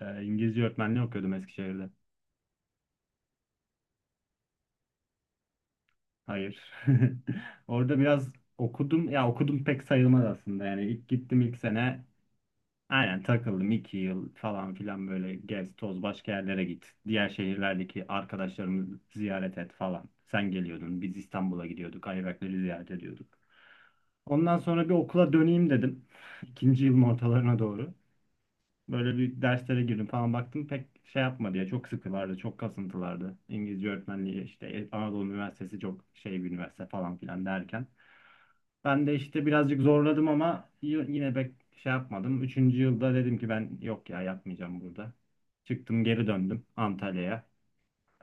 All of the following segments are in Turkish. İngilizce öğretmenliği okuyordum Eskişehir'de. Hayır. Orada biraz okudum. Ya okudum pek sayılmaz aslında. Yani ilk gittim ilk sene. Aynen takıldım iki yıl falan filan, böyle gez toz başka yerlere git. Diğer şehirlerdeki arkadaşlarımızı ziyaret et falan. Sen geliyordun. Biz İstanbul'a gidiyorduk. Ayvakları ziyaret ediyorduk. Ondan sonra bir okula döneyim dedim. İkinci yılın ortalarına doğru. Böyle bir derslere girdim falan, baktım pek şey yapmadı ya, çok sıkılardı, çok kasıntılardı. İngilizce öğretmenliği işte Anadolu Üniversitesi çok şey bir üniversite falan filan derken. Ben de işte birazcık zorladım ama yine pek şey yapmadım. Üçüncü yılda dedim ki ben yok ya, yapmayacağım burada. Çıktım geri döndüm Antalya'ya.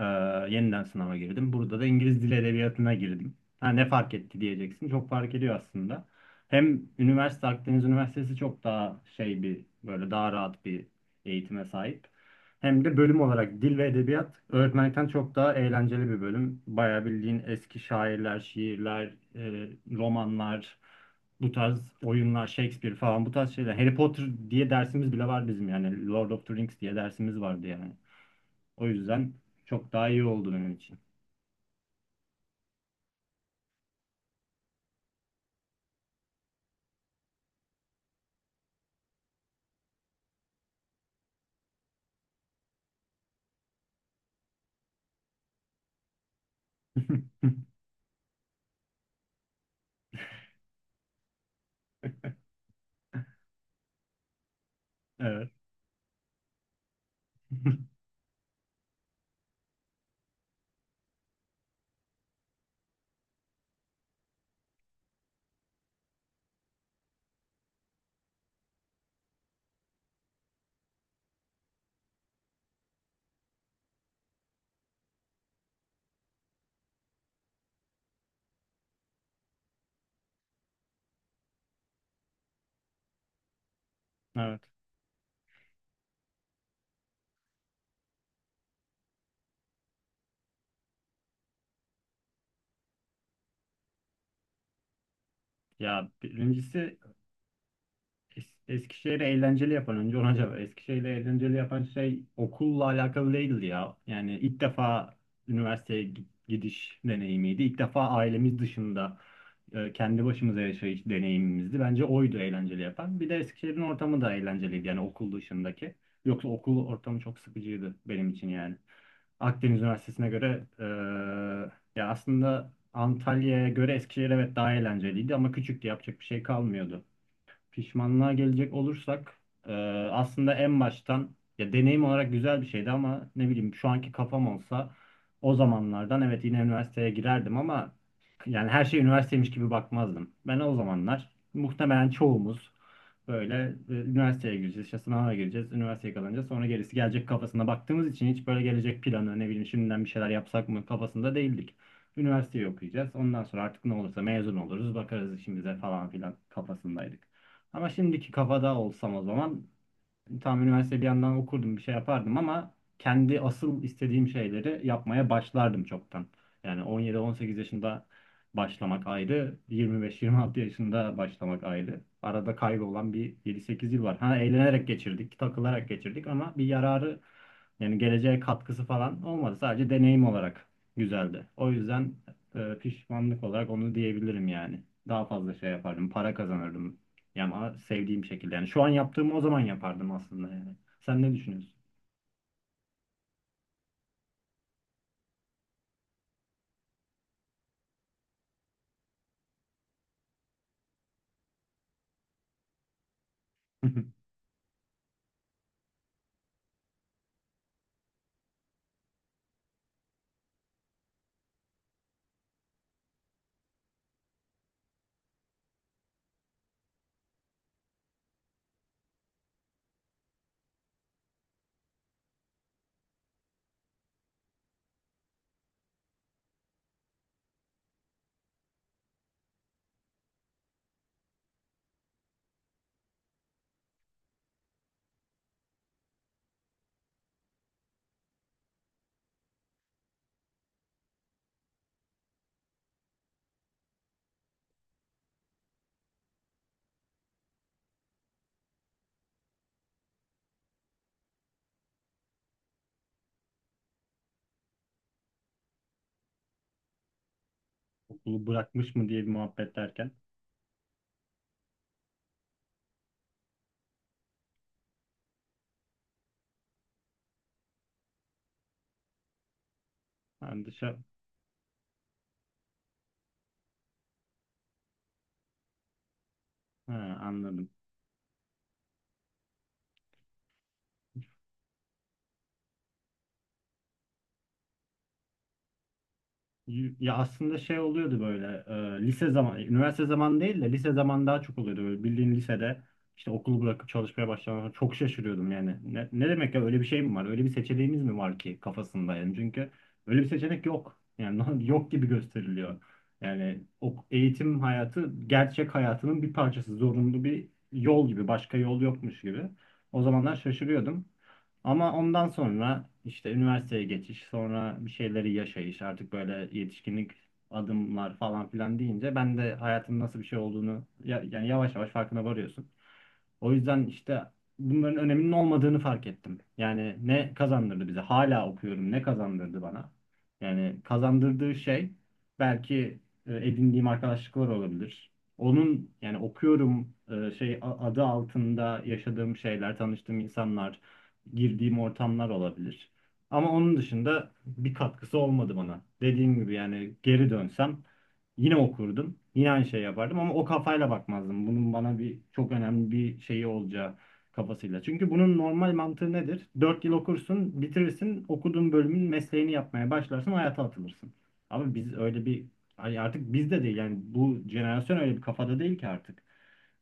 Ee, Yeniden sınava girdim. Burada da İngiliz Dili Edebiyatı'na girdim. Ha, ne fark etti diyeceksin. Çok fark ediyor aslında. Hem üniversite Akdeniz Üniversitesi çok daha şey bir, böyle daha rahat bir eğitime sahip. Hem de bölüm olarak dil ve edebiyat öğretmenlikten çok daha eğlenceli bir bölüm. Bayağı bildiğin eski şairler, şiirler, romanlar, bu tarz oyunlar, Shakespeare falan, bu tarz şeyler. Harry Potter diye dersimiz bile var bizim yani. Lord of the Rings diye dersimiz vardı yani. O yüzden çok daha iyi oldu benim için. Evet. Evet. Ya birincisi, Eskişehir'i eğlenceli yapan, önce ona cevap. Eskişehir'i eğlenceli yapan şey okulla alakalı değildi ya. Yani ilk defa üniversiteye gidiş deneyimiydi. İlk defa ailemiz dışında kendi başımıza yaşayış deneyimimizdi. Bence oydu eğlenceli yapan. Bir de Eskişehir'in ortamı da eğlenceliydi yani, okul dışındaki. Yoksa okul ortamı çok sıkıcıydı benim için yani. Akdeniz Üniversitesi'ne göre, ya aslında Antalya'ya göre Eskişehir evet daha eğlenceliydi ama küçüktü, yapacak bir şey kalmıyordu. Pişmanlığa gelecek olursak, e, aslında en baştan ya deneyim olarak güzel bir şeydi ama ne bileyim, şu anki kafam olsa o zamanlardan, evet yine üniversiteye girerdim ama yani her şey üniversiteymiş gibi bakmazdım. Ben o zamanlar, muhtemelen çoğumuz, böyle üniversiteye gireceğiz, işte sınava gireceğiz, üniversiteye kalınca sonra gerisi gelecek kafasına baktığımız için hiç böyle gelecek planı, ne bileyim, şimdiden bir şeyler yapsak mı kafasında değildik. Üniversiteyi okuyacağız. Ondan sonra artık ne olursa, mezun oluruz, bakarız işimize falan filan kafasındaydık. Ama şimdiki kafada olsam o zaman tam üniversite bir yandan okurdum, bir şey yapardım ama kendi asıl istediğim şeyleri yapmaya başlardım çoktan. Yani 17-18 yaşında başlamak ayrı, 25-26 yaşında başlamak ayrı. Arada kaybolan bir 7-8 yıl var. Ha, eğlenerek geçirdik, takılarak geçirdik ama bir yararı, yani geleceğe katkısı falan olmadı. Sadece deneyim olarak güzeldi. O yüzden pişmanlık olarak onu diyebilirim yani. Daha fazla şey yapardım, para kazanırdım yani, ama sevdiğim şekilde. Yani şu an yaptığımı o zaman yapardım aslında yani. Sen ne düşünüyorsun? Okulu bırakmış mı diye bir muhabbet derken. Ben dışarı... Ha, anladım. Ya aslında şey oluyordu, böyle lise zaman, üniversite zaman değil de lise zaman daha çok oluyordu. Böyle bildiğin lisede işte okulu bırakıp çalışmaya başlamaya çok şaşırıyordum yani. Ne demek ya, öyle bir şey mi var? Öyle bir seçeneğimiz mi var ki, kafasında yani, çünkü öyle bir seçenek yok. Yani yok gibi gösteriliyor. Yani eğitim hayatı gerçek hayatının bir parçası, zorunlu bir yol gibi, başka yol yokmuş gibi. O zamanlar şaşırıyordum. Ama ondan sonra işte üniversiteye geçiş, sonra bir şeyleri yaşayış, artık böyle yetişkinlik adımlar falan filan deyince, ben de hayatın nasıl bir şey olduğunu yani yavaş yavaş farkına varıyorsun. O yüzden işte bunların öneminin olmadığını fark ettim. Yani ne kazandırdı bize? Hala okuyorum. Ne kazandırdı bana? Yani kazandırdığı şey belki edindiğim arkadaşlıklar olabilir. Onun, yani okuyorum adı altında yaşadığım şeyler, tanıştığım insanlar, girdiğim ortamlar olabilir. Ama onun dışında bir katkısı olmadı bana. Dediğim gibi, yani geri dönsem yine okurdum. Yine aynı şey yapardım ama o kafayla bakmazdım. Bunun bana bir çok önemli bir şeyi olacağı kafasıyla. Çünkü bunun normal mantığı nedir? 4 yıl okursun, bitirirsin, okuduğun bölümün mesleğini yapmaya başlarsın, hayata atılırsın. Ama biz öyle bir, hani artık biz de değil yani, bu jenerasyon öyle bir kafada değil ki artık.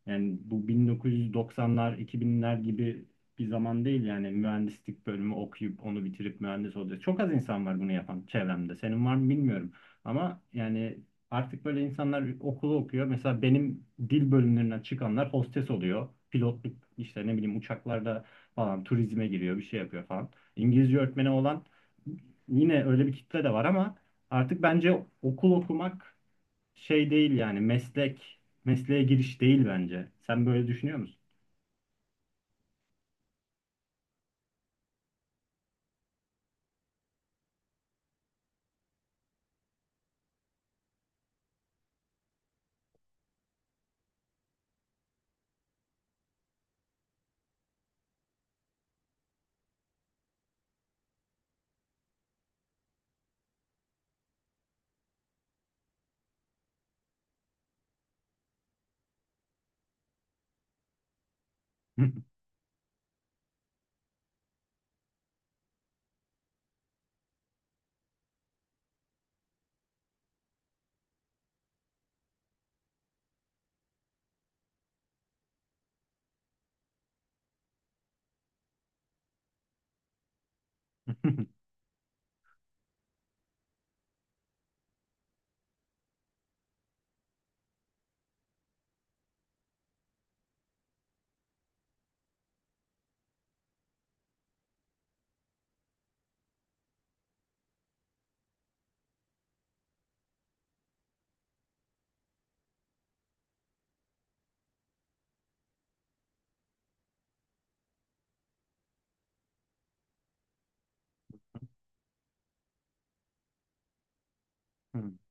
Yani bu 1990'lar, 2000'ler gibi bir zaman değil yani, mühendislik bölümü okuyup onu bitirip mühendis olacak. Çok az insan var bunu yapan çevremde. Senin var mı bilmiyorum. Ama yani artık böyle insanlar okulu okuyor. Mesela benim dil bölümlerinden çıkanlar hostes oluyor. Pilotluk işte, ne bileyim, uçaklarda falan, turizme giriyor, bir şey yapıyor falan. İngilizce öğretmeni olan yine, öyle bir kitle de var ama artık bence okul okumak şey değil yani, mesleğe giriş değil bence. Sen böyle düşünüyor musun?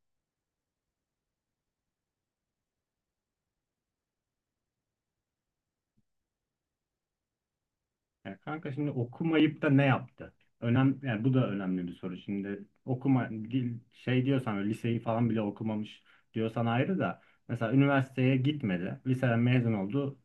Ya kanka, şimdi okumayıp da ne yaptı? Yani bu da önemli bir soru. Şimdi okuma şey diyorsan, öyle liseyi falan bile okumamış diyorsan ayrı da, mesela üniversiteye gitmedi. Liseden mezun oldu,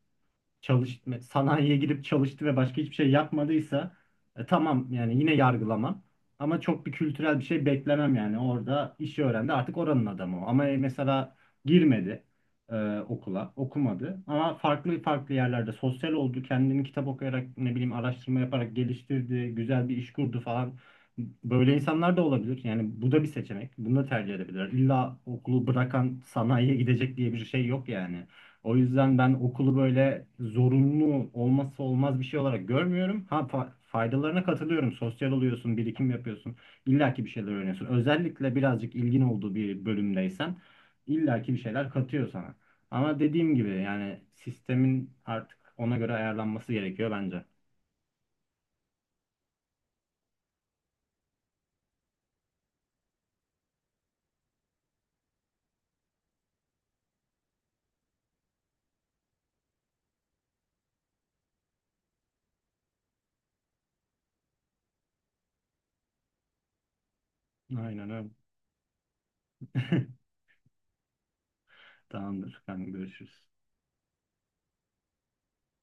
çalıştı, sanayiye girip çalıştı ve başka hiçbir şey yapmadıysa, tamam yani, yine yargılamam. Ama çok bir kültürel bir şey beklemem yani. Orada işi öğrendi. Artık oranın adamı o. Ama mesela girmedi okula, okumadı. Ama farklı farklı yerlerde sosyal oldu. Kendini kitap okuyarak, ne bileyim, araştırma yaparak geliştirdi. Güzel bir iş kurdu falan. Böyle insanlar da olabilir. Yani bu da bir seçenek. Bunu da tercih edebilirler. İlla okulu bırakan sanayiye gidecek diye bir şey yok yani. O yüzden ben okulu böyle zorunlu, olmazsa olmaz bir şey olarak görmüyorum. Ha, faydalarına katılıyorum. Sosyal oluyorsun, birikim yapıyorsun. İlla ki bir şeyler öğreniyorsun. Özellikle birazcık ilgin olduğu bir bölümdeysen illa ki bir şeyler katıyor sana. Ama dediğim gibi, yani sistemin artık ona göre ayarlanması gerekiyor bence. Aynen öyle. Tamamdır. Ben görüşürüz.